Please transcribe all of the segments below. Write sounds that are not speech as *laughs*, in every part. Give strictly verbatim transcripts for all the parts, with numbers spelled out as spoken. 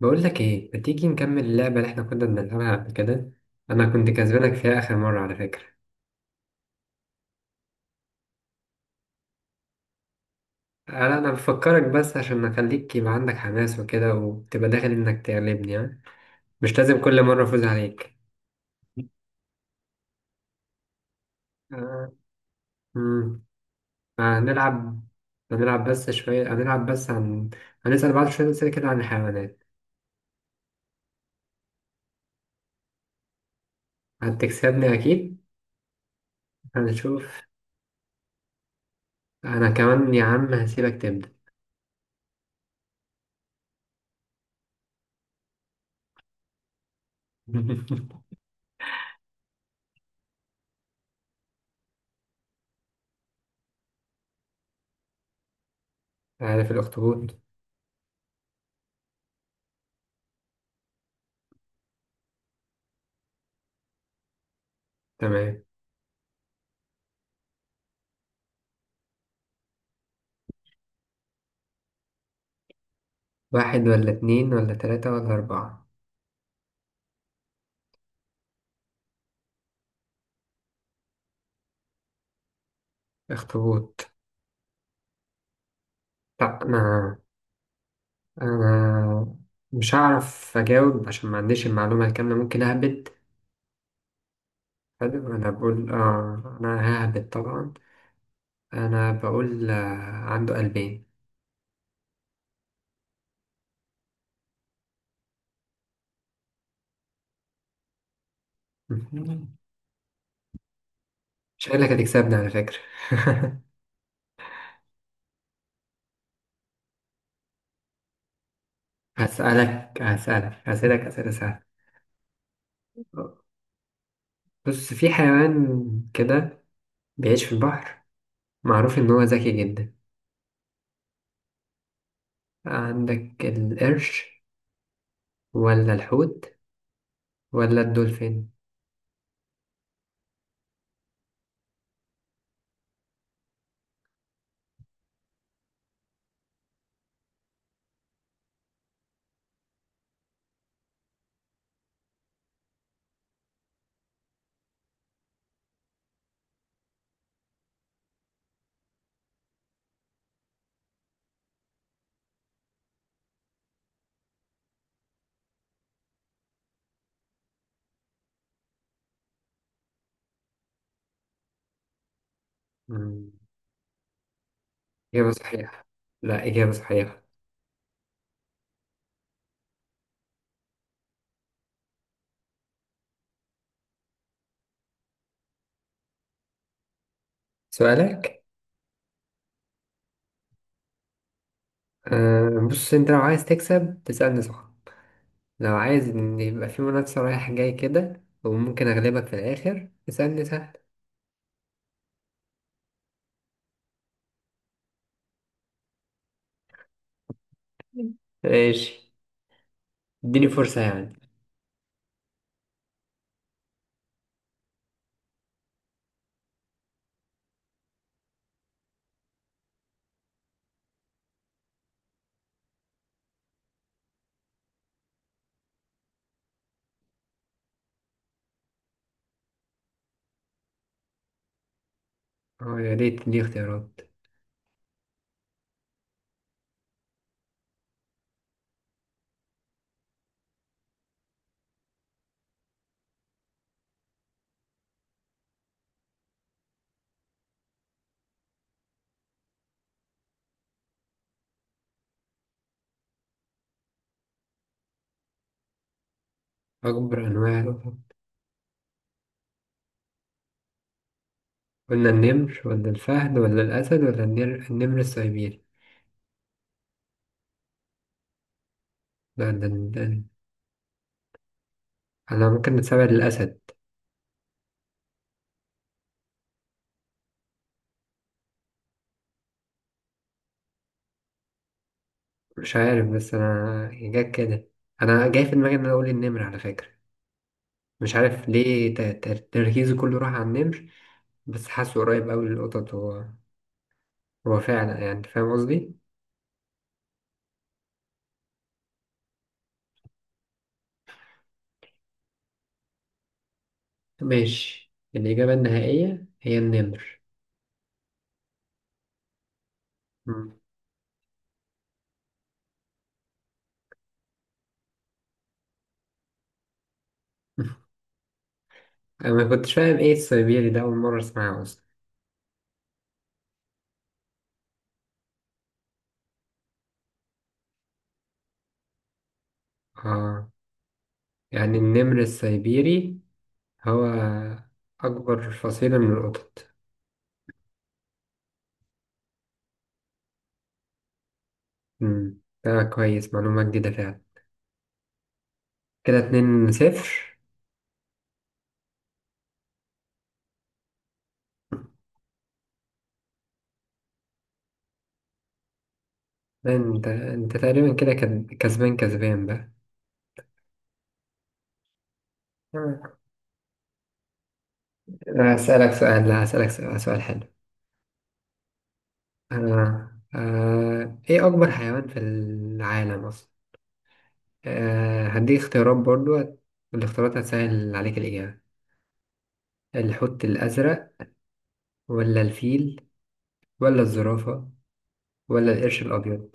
بقول لك ايه؟ ما تيجي نكمل اللعبه اللي احنا كنا بنلعبها قبل كده. انا كنت كسبانك فيها اخر مره على فكره. انا انا بفكرك بس عشان اخليك يبقى عندك حماس وكده وتبقى داخل انك تغلبني ها. مش لازم كل مره افوز عليك. آه. مم. هنلعب. هنلعب بس شويه. هنلعب بس عن هنسال بعض شويه اسئله كده عن الحيوانات. هتكسبني اكيد. هنشوف. انا كمان يا عم هسيبك تبدا. *laughs* عارف الاخطبوط. تمام. واحد ولا اتنين ولا تلاتة ولا أربعة. اخطبوط. لا، انا انا مش هعرف اجاوب عشان ما عنديش المعلومه الكامله، ممكن اهبد. حلو، انا بقول اه، انا ههبد طبعا. انا بقول آه، عنده قلبين. *laughs* شكلك هتكسبني على فكره. *laughs* هسألك هسألك هسألك أسئلة سهلة. بص، في حيوان كده بيعيش في البحر، معروف إن هو ذكي جدا. عندك القرش ولا الحوت ولا الدولفين؟ مم، إجابة صحيحة. لا، إجابة صحيحة. سؤالك. آه، بص، أنت لو عايز تكسب تسألني صح، لو عايز إن يبقى في منافسة رايح جاي كده وممكن أغلبك في الآخر تسألني سهل. ماشي. اديني فرصة يعني. اه، يا ريت تديني اختيارات. أكبر أنواع القطط؟ قلنا النمر ولا الفهد ولا الأسد ولا النمر، النمر السيبيري. لا، ده ده- أنا ممكن نتسابق للأسد. مش عارف بس أنا جت كده. أنا جاي في دماغي إن أنا أقول النمر على فكرة. مش عارف ليه، ت- ت- تركيزي كله راح على النمر. بس حاسه قريب أوي للقطط هو. هو فعلا، يعني أنت فاهم قصدي؟ ماشي، الإجابة النهائية هي النمر. مم. *laughs* أنا ما كنتش فاهم إيه السيبيري ده، أول مرة أسمعه أصلا. آه. يعني النمر السيبيري هو أكبر فصيلة من القطط. مم. ده كويس، معلومة جديدة فعلا. كده اتنين صفر. لا، أنت أنت تقريبا كده كد- كسبان كسبان بقى. أنا هسألك سؤال، لا، هسألك سؤال سؤال حلو. آه. آه. ايه اكبر حيوان في العالم اصلا؟ آه. هديك اختيارات برضو، هت- والاختيارات هتسهل عليك الاجابة. الحوت الازرق ولا الفيل ولا الزرافة ولا القرش الابيض؟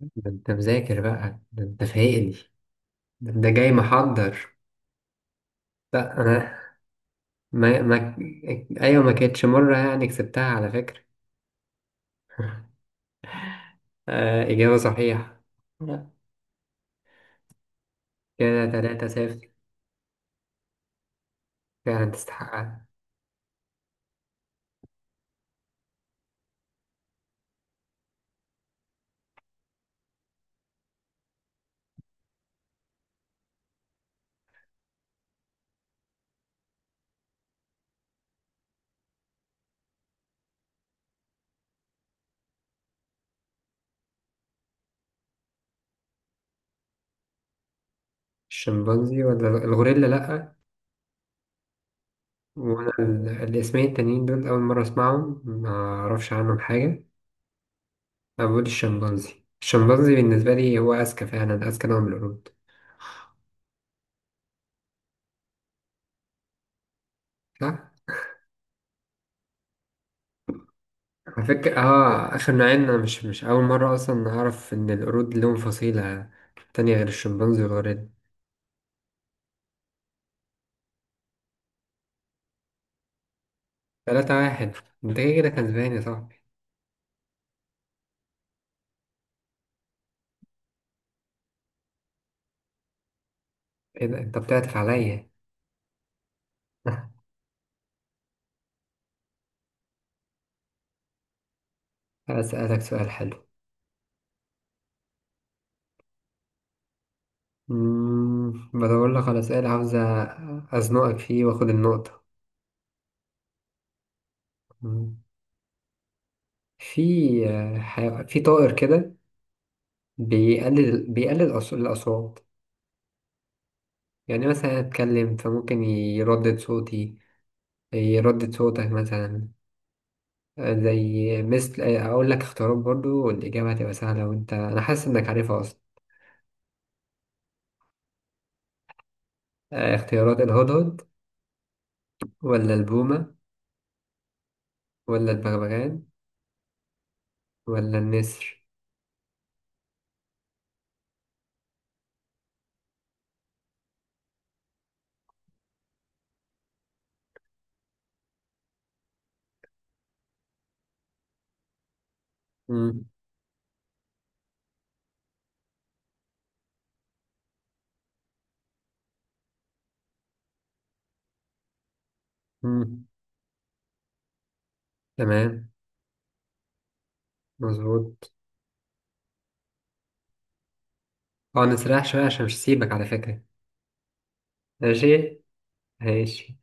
ده انت مذاكر بقى، ده انت فايقني. ده انت جاي محضر. لا انا ما، ما، ايوه ما كانتش مرة يعني كسبتها على فكرة. آه، اجابة صحيحة. لا. كده تلاتة صفر. فعلا تستحقها. الشمبانزي ولا الغوريلا؟ لأ. وانا ال- الاسمين التانيين دول اول مره اسمعهم، ما اعرفش عنهم حاجه. أنا بقول الشمبانزي، الشمبانزي بالنسبه لي هو اذكى، فعلا اذكى نوع من القرود. صح. على فكره، اه اخر نوعين انا مش مش اول مره اصلا اعرف ان القرود لهم فصيله تانية غير الشمبانزي والغوريلا. تلاتة واحد. انت كده كده كسبان يا صاحبي. ايه ده، انت بتعطف عليا. *laughs* اسالك سؤال حلو. مم، بدور لك على سؤال عاوز أ- ازنقك فيه واخد النقطه. في آه، ح- في طائر كده بيقلل بيقلل أص- الأصوات، يعني مثلا أتكلم فممكن يردد صوتي، يردد صوتك مثلا. آه، زي مثل، آه، أقول لك اختيارات برضو والإجابة هتبقى سهلة وأنت، أنا حاسس إنك عارفها أصلا. آه، اختيارات: الهدهد ولا البومة ولا البغبغان ولا النسر؟ مم. مم. تمام. مظبوط. اه، نسرح شوية عشان مش هسيبك على فكرة. ماشي ماشي.